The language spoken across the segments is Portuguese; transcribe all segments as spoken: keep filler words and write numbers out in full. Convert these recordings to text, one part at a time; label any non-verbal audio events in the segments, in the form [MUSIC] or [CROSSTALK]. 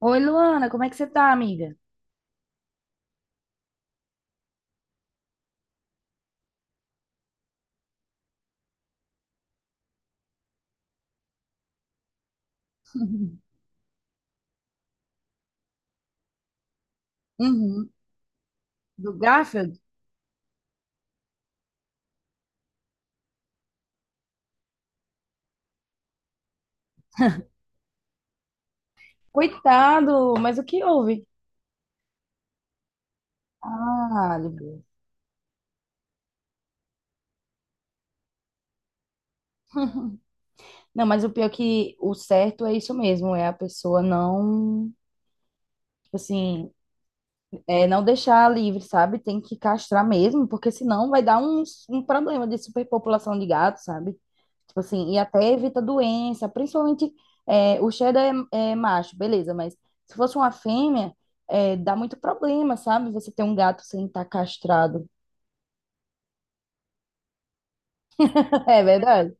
Oi, Luana, como é que você tá, amiga? [LAUGHS] Uhum. Do Garfield? Coitado, mas o que houve? Ah, Libu. Não, mas o pior é que o certo é isso mesmo, é a pessoa não, tipo assim, É, não deixar livre, sabe? Tem que castrar mesmo, porque senão vai dar um, um problema de superpopulação de gatos, sabe? Tipo assim, e até evita doença, principalmente é, o cheddar é, é macho, beleza, mas se fosse uma fêmea, é, dá muito problema, sabe? Você ter um gato sem estar castrado. [LAUGHS] É verdade?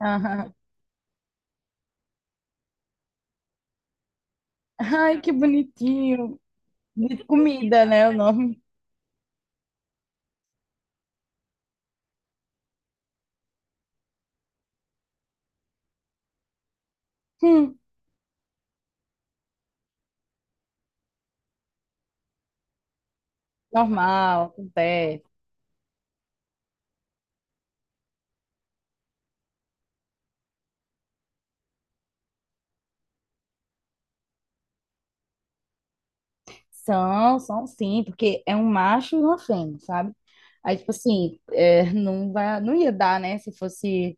Aham. Ai, que bonitinho. De comida, né? O nome. Hum, normal, acontece. São, são sim, porque é um macho e uma fêmea, sabe? Aí, tipo assim, é, não vai, não ia dar, né? Se fosse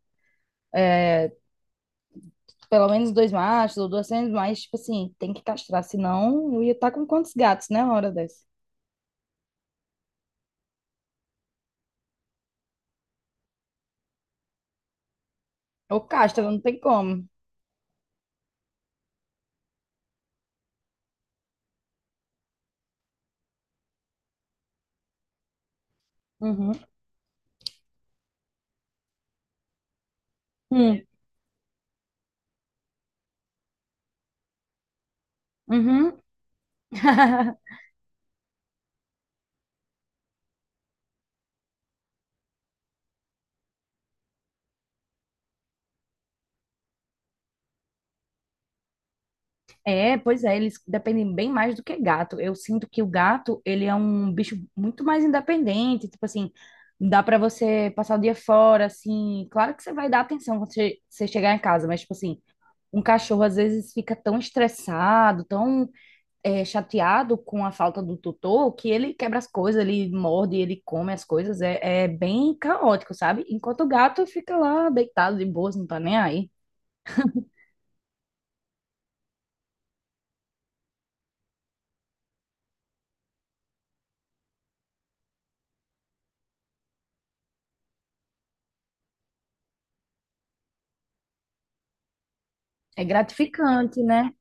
pelo menos dois machos ou duas fêmeas, mas, tipo assim, tem que castrar, senão eu ia estar com quantos gatos, né? Uma hora dessa. Ou castra, não tem como. Uhum. Hum. Uhum. [LAUGHS] É, pois é, eles dependem bem mais do que gato. Eu sinto que o gato, ele é um bicho muito mais independente, tipo assim, dá pra você passar o dia fora, assim. Claro que você vai dar atenção quando você, você chegar em casa, mas, tipo assim, um cachorro às vezes fica tão estressado, tão é, chateado com a falta do tutor, que ele quebra as coisas, ele morde, ele come as coisas, é, é bem caótico, sabe? Enquanto o gato fica lá deitado de boas, não tá nem aí. É gratificante, né?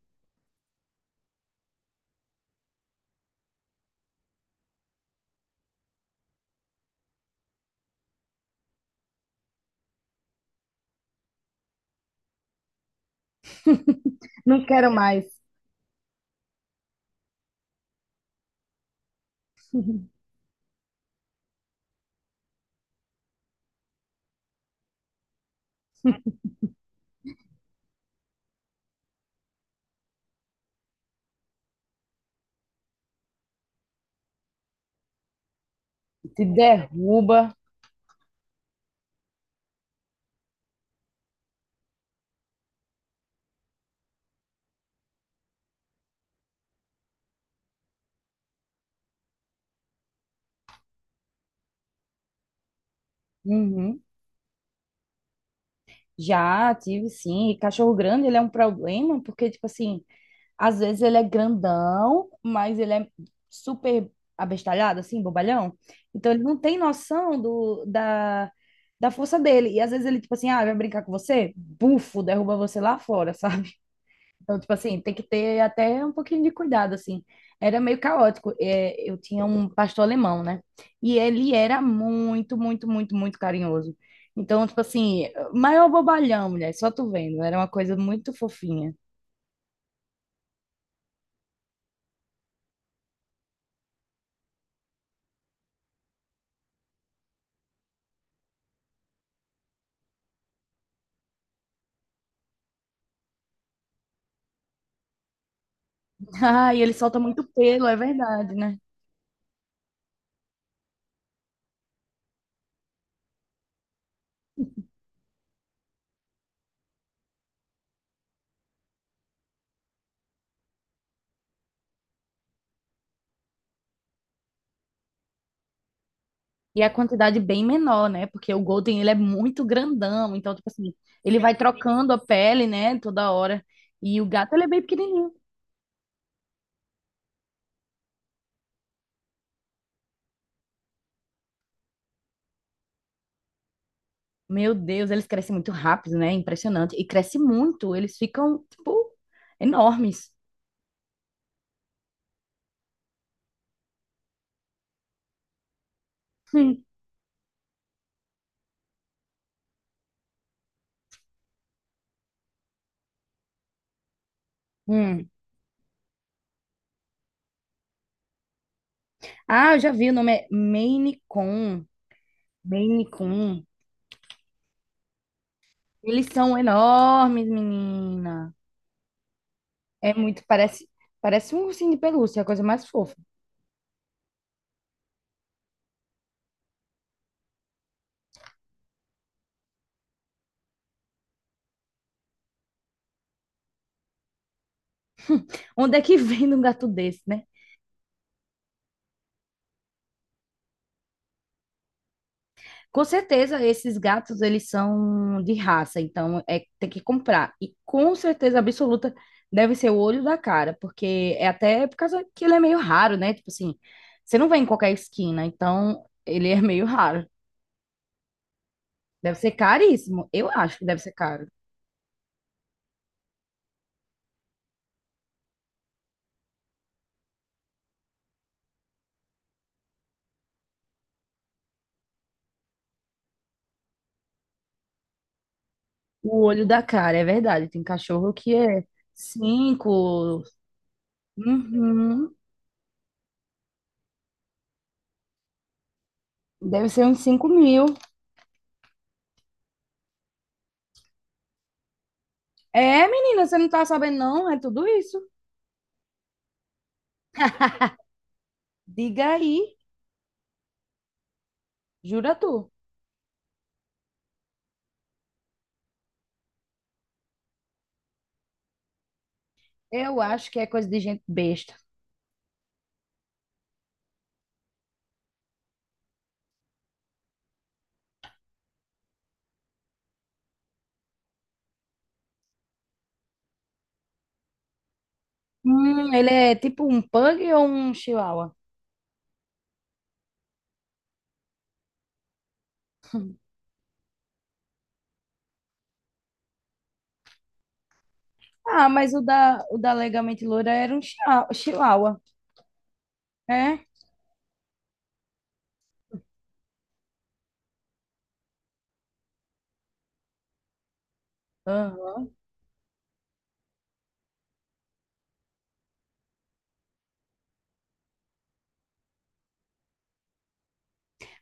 Não quero mais. Te derruba. Uhum. Já tive, sim. E cachorro grande, ele é um problema, porque, tipo assim, às vezes ele é grandão, mas ele é super abestalhado, assim, bobalhão. Então ele não tem noção do, da, da força dele. E às vezes ele, tipo assim, ah, vai brincar com você? Bufo, derruba você lá fora, [LAUGHS] sabe? Então, tipo assim, tem que ter até um pouquinho de cuidado, assim. Era meio caótico. É, eu tinha um pastor alemão, né? E ele era muito, muito, muito, muito carinhoso. Então, tipo assim, maior bobalhão, mulher, só tu vendo. Era uma coisa muito fofinha. Ah, e ele solta muito pelo, é verdade, né? E a quantidade é bem menor, né? Porque o Golden, ele é muito grandão, então, tipo assim, ele vai trocando a pele, né, toda hora. E o gato, ele é bem pequenininho. Meu Deus, eles crescem muito rápido, né? Impressionante. E cresce muito, eles ficam, tipo, enormes. Hum. Hum. Ah, eu já vi, o nome é Maine Coon. Maine Coon. Eles são enormes, menina. É muito, parece, parece um ursinho de pelúcia, é a coisa mais fofa. Onde é que [LAUGHS] vem um gato desse, né? Com certeza, esses gatos, eles são de raça, então é, tem que comprar. E com certeza absoluta deve ser o olho da cara, porque é até por causa que ele é meio raro, né? Tipo assim, você não vê em qualquer esquina, então ele é meio raro. Deve ser caríssimo. Eu acho que deve ser caro. O olho da cara, é verdade. Tem cachorro que é cinco. Uhum. Deve ser uns cinco mil. É, menina, você não tá sabendo, não? É tudo isso. Diga aí. Jura tu? Eu acho que é coisa de gente besta. Hum, ele é tipo um pug ou um chihuahua? Ah, mas o da, o da Legalmente Loura era um chia- chihuahua. É? Aham.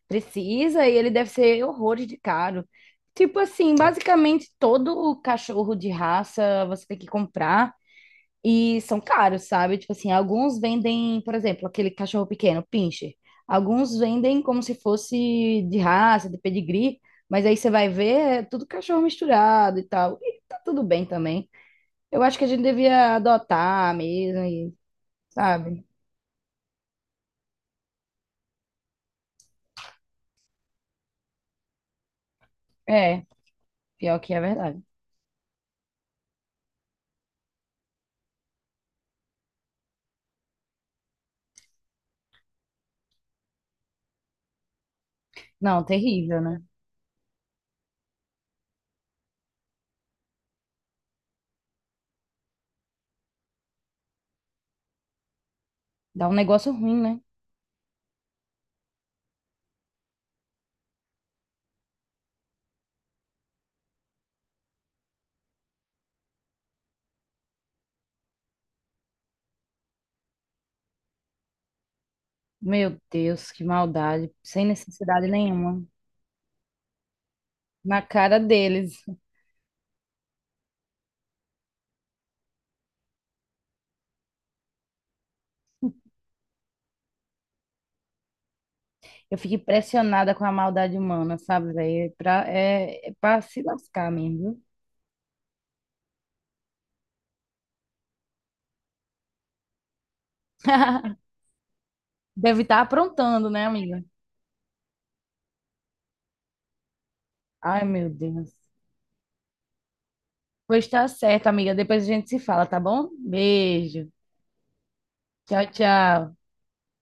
Precisa e ele deve ser horrores de caro. Tipo assim, basicamente todo o cachorro de raça você tem que comprar. E são caros, sabe? Tipo assim, alguns vendem, por exemplo, aquele cachorro pequeno, pincher. Alguns vendem como se fosse de raça, de pedigree, mas aí você vai ver, é tudo cachorro misturado e tal. E tá tudo bem também. Eu acho que a gente devia adotar mesmo, e, sabe? É, pior que é verdade. Não, terrível, né? Dá um negócio ruim, né? Meu Deus, que maldade. Sem necessidade nenhuma. Na cara deles. Eu fico impressionada com a maldade humana, sabe, velho? É pra, é, é pra se lascar mesmo, viu? [LAUGHS] Deve estar aprontando, né, amiga? Ai, meu Deus. Pois tá certo, amiga. Depois a gente se fala, tá bom? Beijo. Tchau, tchau.